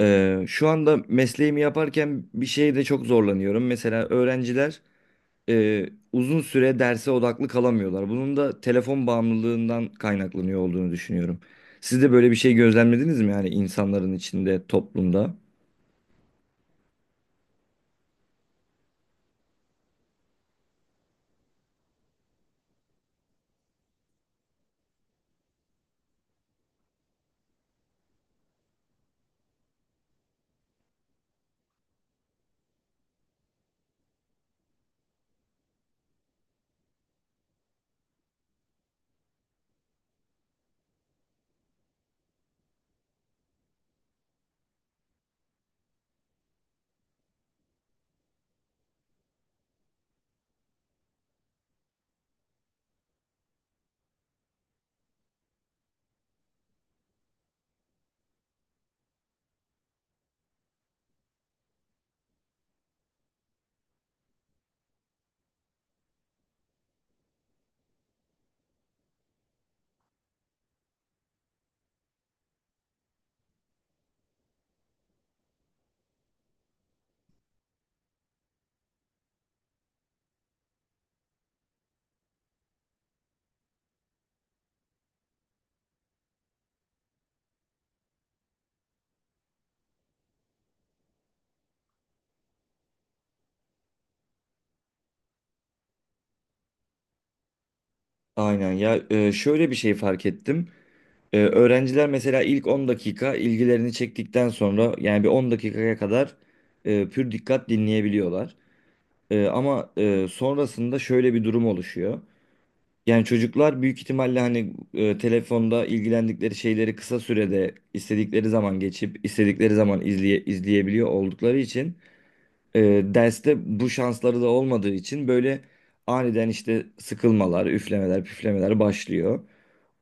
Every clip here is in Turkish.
Şu anda mesleğimi yaparken bir şeyde çok zorlanıyorum. Mesela öğrenciler e, uzun süre derse odaklı kalamıyorlar. Bunun da telefon bağımlılığından kaynaklanıyor olduğunu düşünüyorum. Siz de böyle bir şey gözlemlediniz mi, yani insanların içinde, toplumda? Aynen ya, şöyle bir şey fark ettim. Öğrenciler mesela ilk 10 dakika ilgilerini çektikten sonra, yani bir 10 dakikaya kadar pür dikkat dinleyebiliyorlar. Ama sonrasında şöyle bir durum oluşuyor. Yani çocuklar büyük ihtimalle hani, telefonda ilgilendikleri şeyleri kısa sürede istedikleri zaman geçip istedikleri zaman izleyebiliyor oldukları için, e, derste bu şansları da olmadığı için, böyle aniden işte sıkılmalar, üflemeler, püflemeler başlıyor.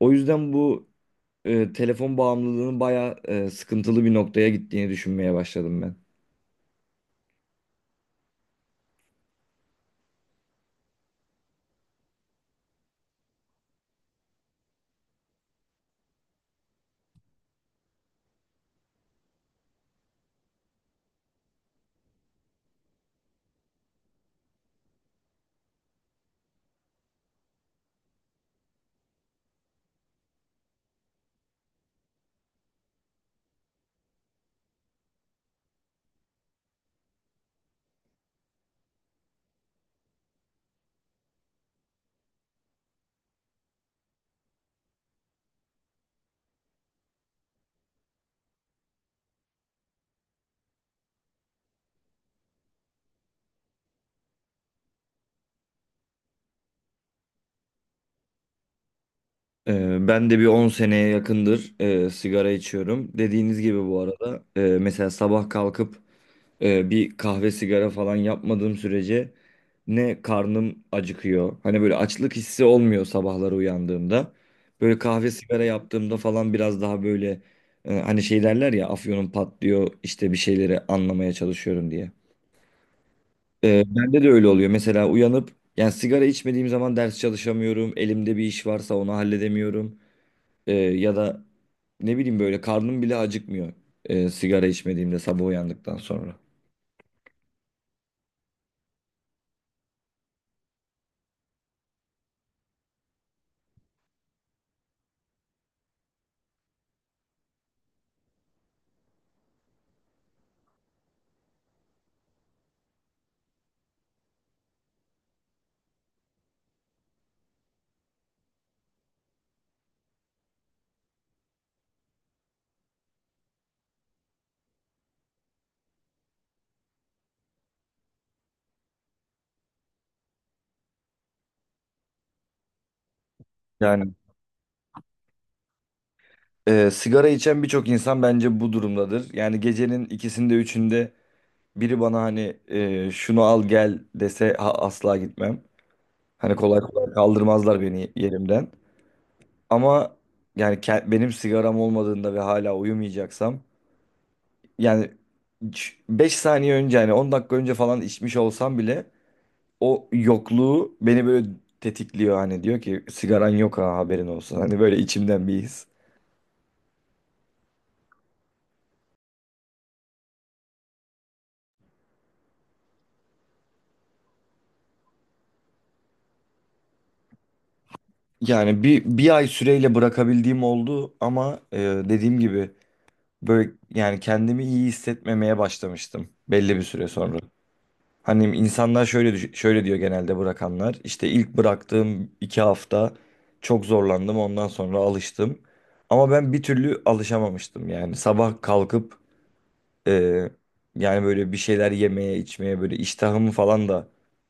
O yüzden bu telefon bağımlılığının bayağı sıkıntılı bir noktaya gittiğini düşünmeye başladım ben. Ben de bir 10 seneye yakındır sigara içiyorum. Dediğiniz gibi bu arada, mesela sabah kalkıp bir kahve sigara falan yapmadığım sürece ne karnım acıkıyor. Hani böyle açlık hissi olmuyor sabahları uyandığımda. Böyle kahve sigara yaptığımda falan biraz daha böyle, hani şey derler ya, afyonum patlıyor işte, bir şeyleri anlamaya çalışıyorum diye. Bende de öyle oluyor. Mesela uyanıp, yani sigara içmediğim zaman ders çalışamıyorum. Elimde bir iş varsa onu halledemiyorum. Ya da ne bileyim, böyle karnım bile acıkmıyor sigara içmediğimde sabah uyandıktan sonra. Yani, sigara içen birçok insan bence bu durumdadır. Yani gecenin ikisinde üçünde biri bana hani şunu al gel dese asla gitmem. Hani kolay kolay kaldırmazlar beni yerimden. Ama yani benim sigaram olmadığında ve hala uyumayacaksam, yani 5 saniye önce, hani 10 dakika önce falan içmiş olsam bile o yokluğu beni böyle tetikliyor, hani diyor ki sigaran yok, ha, haberin olsun. Hani böyle içimden bir his. Yani bir ay süreyle bırakabildiğim oldu ama dediğim gibi, böyle yani kendimi iyi hissetmemeye başlamıştım belli bir süre sonra. Hani insanlar şöyle diyor genelde, bırakanlar: işte ilk bıraktığım 2 hafta çok zorlandım, ondan sonra alıştım. Ama ben bir türlü alışamamıştım, yani sabah kalkıp e, yani böyle bir şeyler yemeye içmeye, böyle iştahımı falan da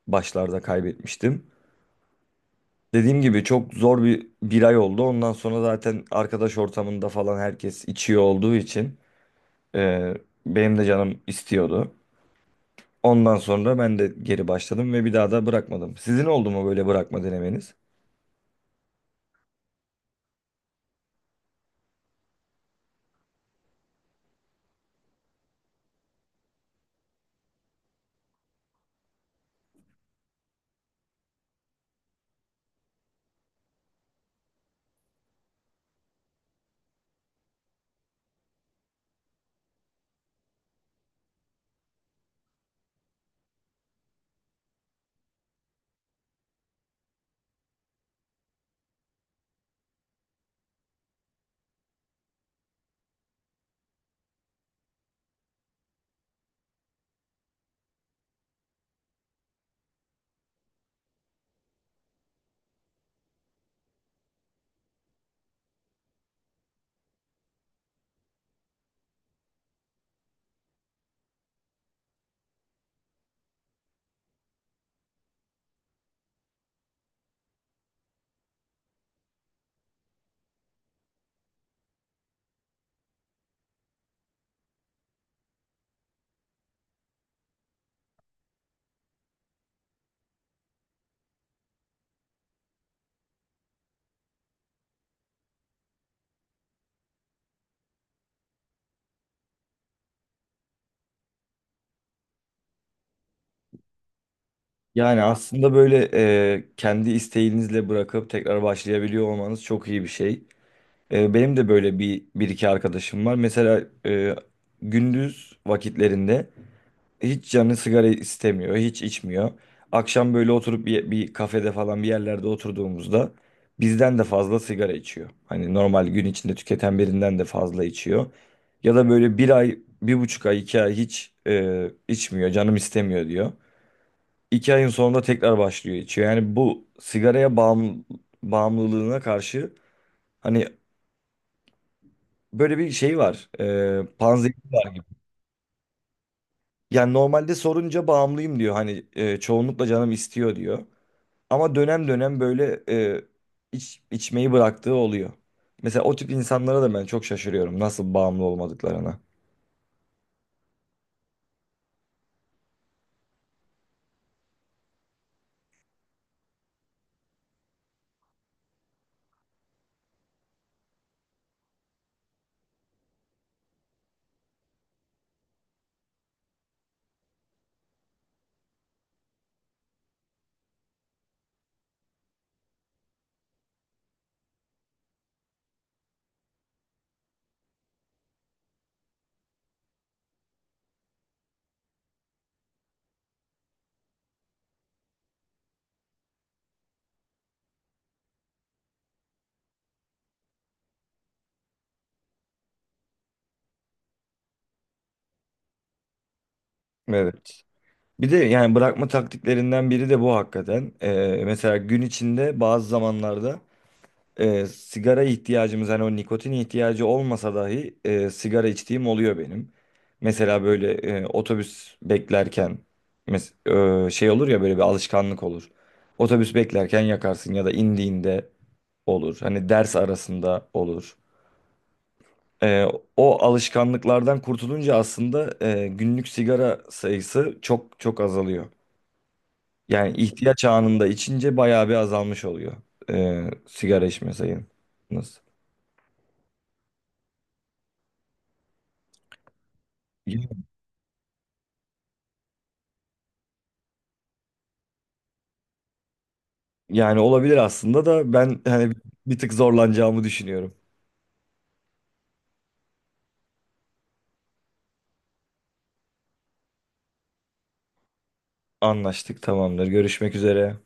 başlarda kaybetmiştim. Dediğim gibi çok zor bir ay oldu. Ondan sonra zaten arkadaş ortamında falan herkes içiyor olduğu için e, benim de canım istiyordu. Ondan sonra ben de geri başladım ve bir daha da bırakmadım. Sizin oldu mu böyle bırakma denemeniz? Yani aslında böyle kendi isteğinizle bırakıp tekrar başlayabiliyor olmanız çok iyi bir şey. Benim de böyle bir iki arkadaşım var. Mesela gündüz vakitlerinde hiç canı sigara istemiyor, hiç içmiyor. Akşam böyle oturup bir kafede falan bir yerlerde oturduğumuzda bizden de fazla sigara içiyor. Hani normal gün içinde tüketen birinden de fazla içiyor. Ya da böyle bir ay, 1,5 ay, 2 ay hiç içmiyor, canım istemiyor diyor. 2 ayın sonunda tekrar başlıyor içiyor. Yani bu sigaraya bağımlılığına karşı hani böyle bir şey var, panzehir var gibi. Yani normalde sorunca bağımlıyım diyor. Hani çoğunlukla canım istiyor diyor. Ama dönem dönem böyle içmeyi bıraktığı oluyor. Mesela o tip insanlara da ben çok şaşırıyorum nasıl bağımlı olmadıklarına. Evet. Bir de yani bırakma taktiklerinden biri de bu hakikaten. Mesela gün içinde bazı zamanlarda sigara ihtiyacımız, hani o nikotin ihtiyacı olmasa dahi, sigara içtiğim oluyor benim. Mesela böyle otobüs beklerken şey olur ya, böyle bir alışkanlık olur. Otobüs beklerken yakarsın ya da indiğinde olur. Hani ders arasında olur. Ee, O alışkanlıklardan kurtulunca aslında günlük sigara sayısı çok çok azalıyor. Yani ihtiyaç anında içince bayağı bir azalmış oluyor sigara içme sayınız. Yani yani olabilir aslında, da ben hani bir tık zorlanacağımı düşünüyorum. Anlaştık, tamamdır. Görüşmek üzere.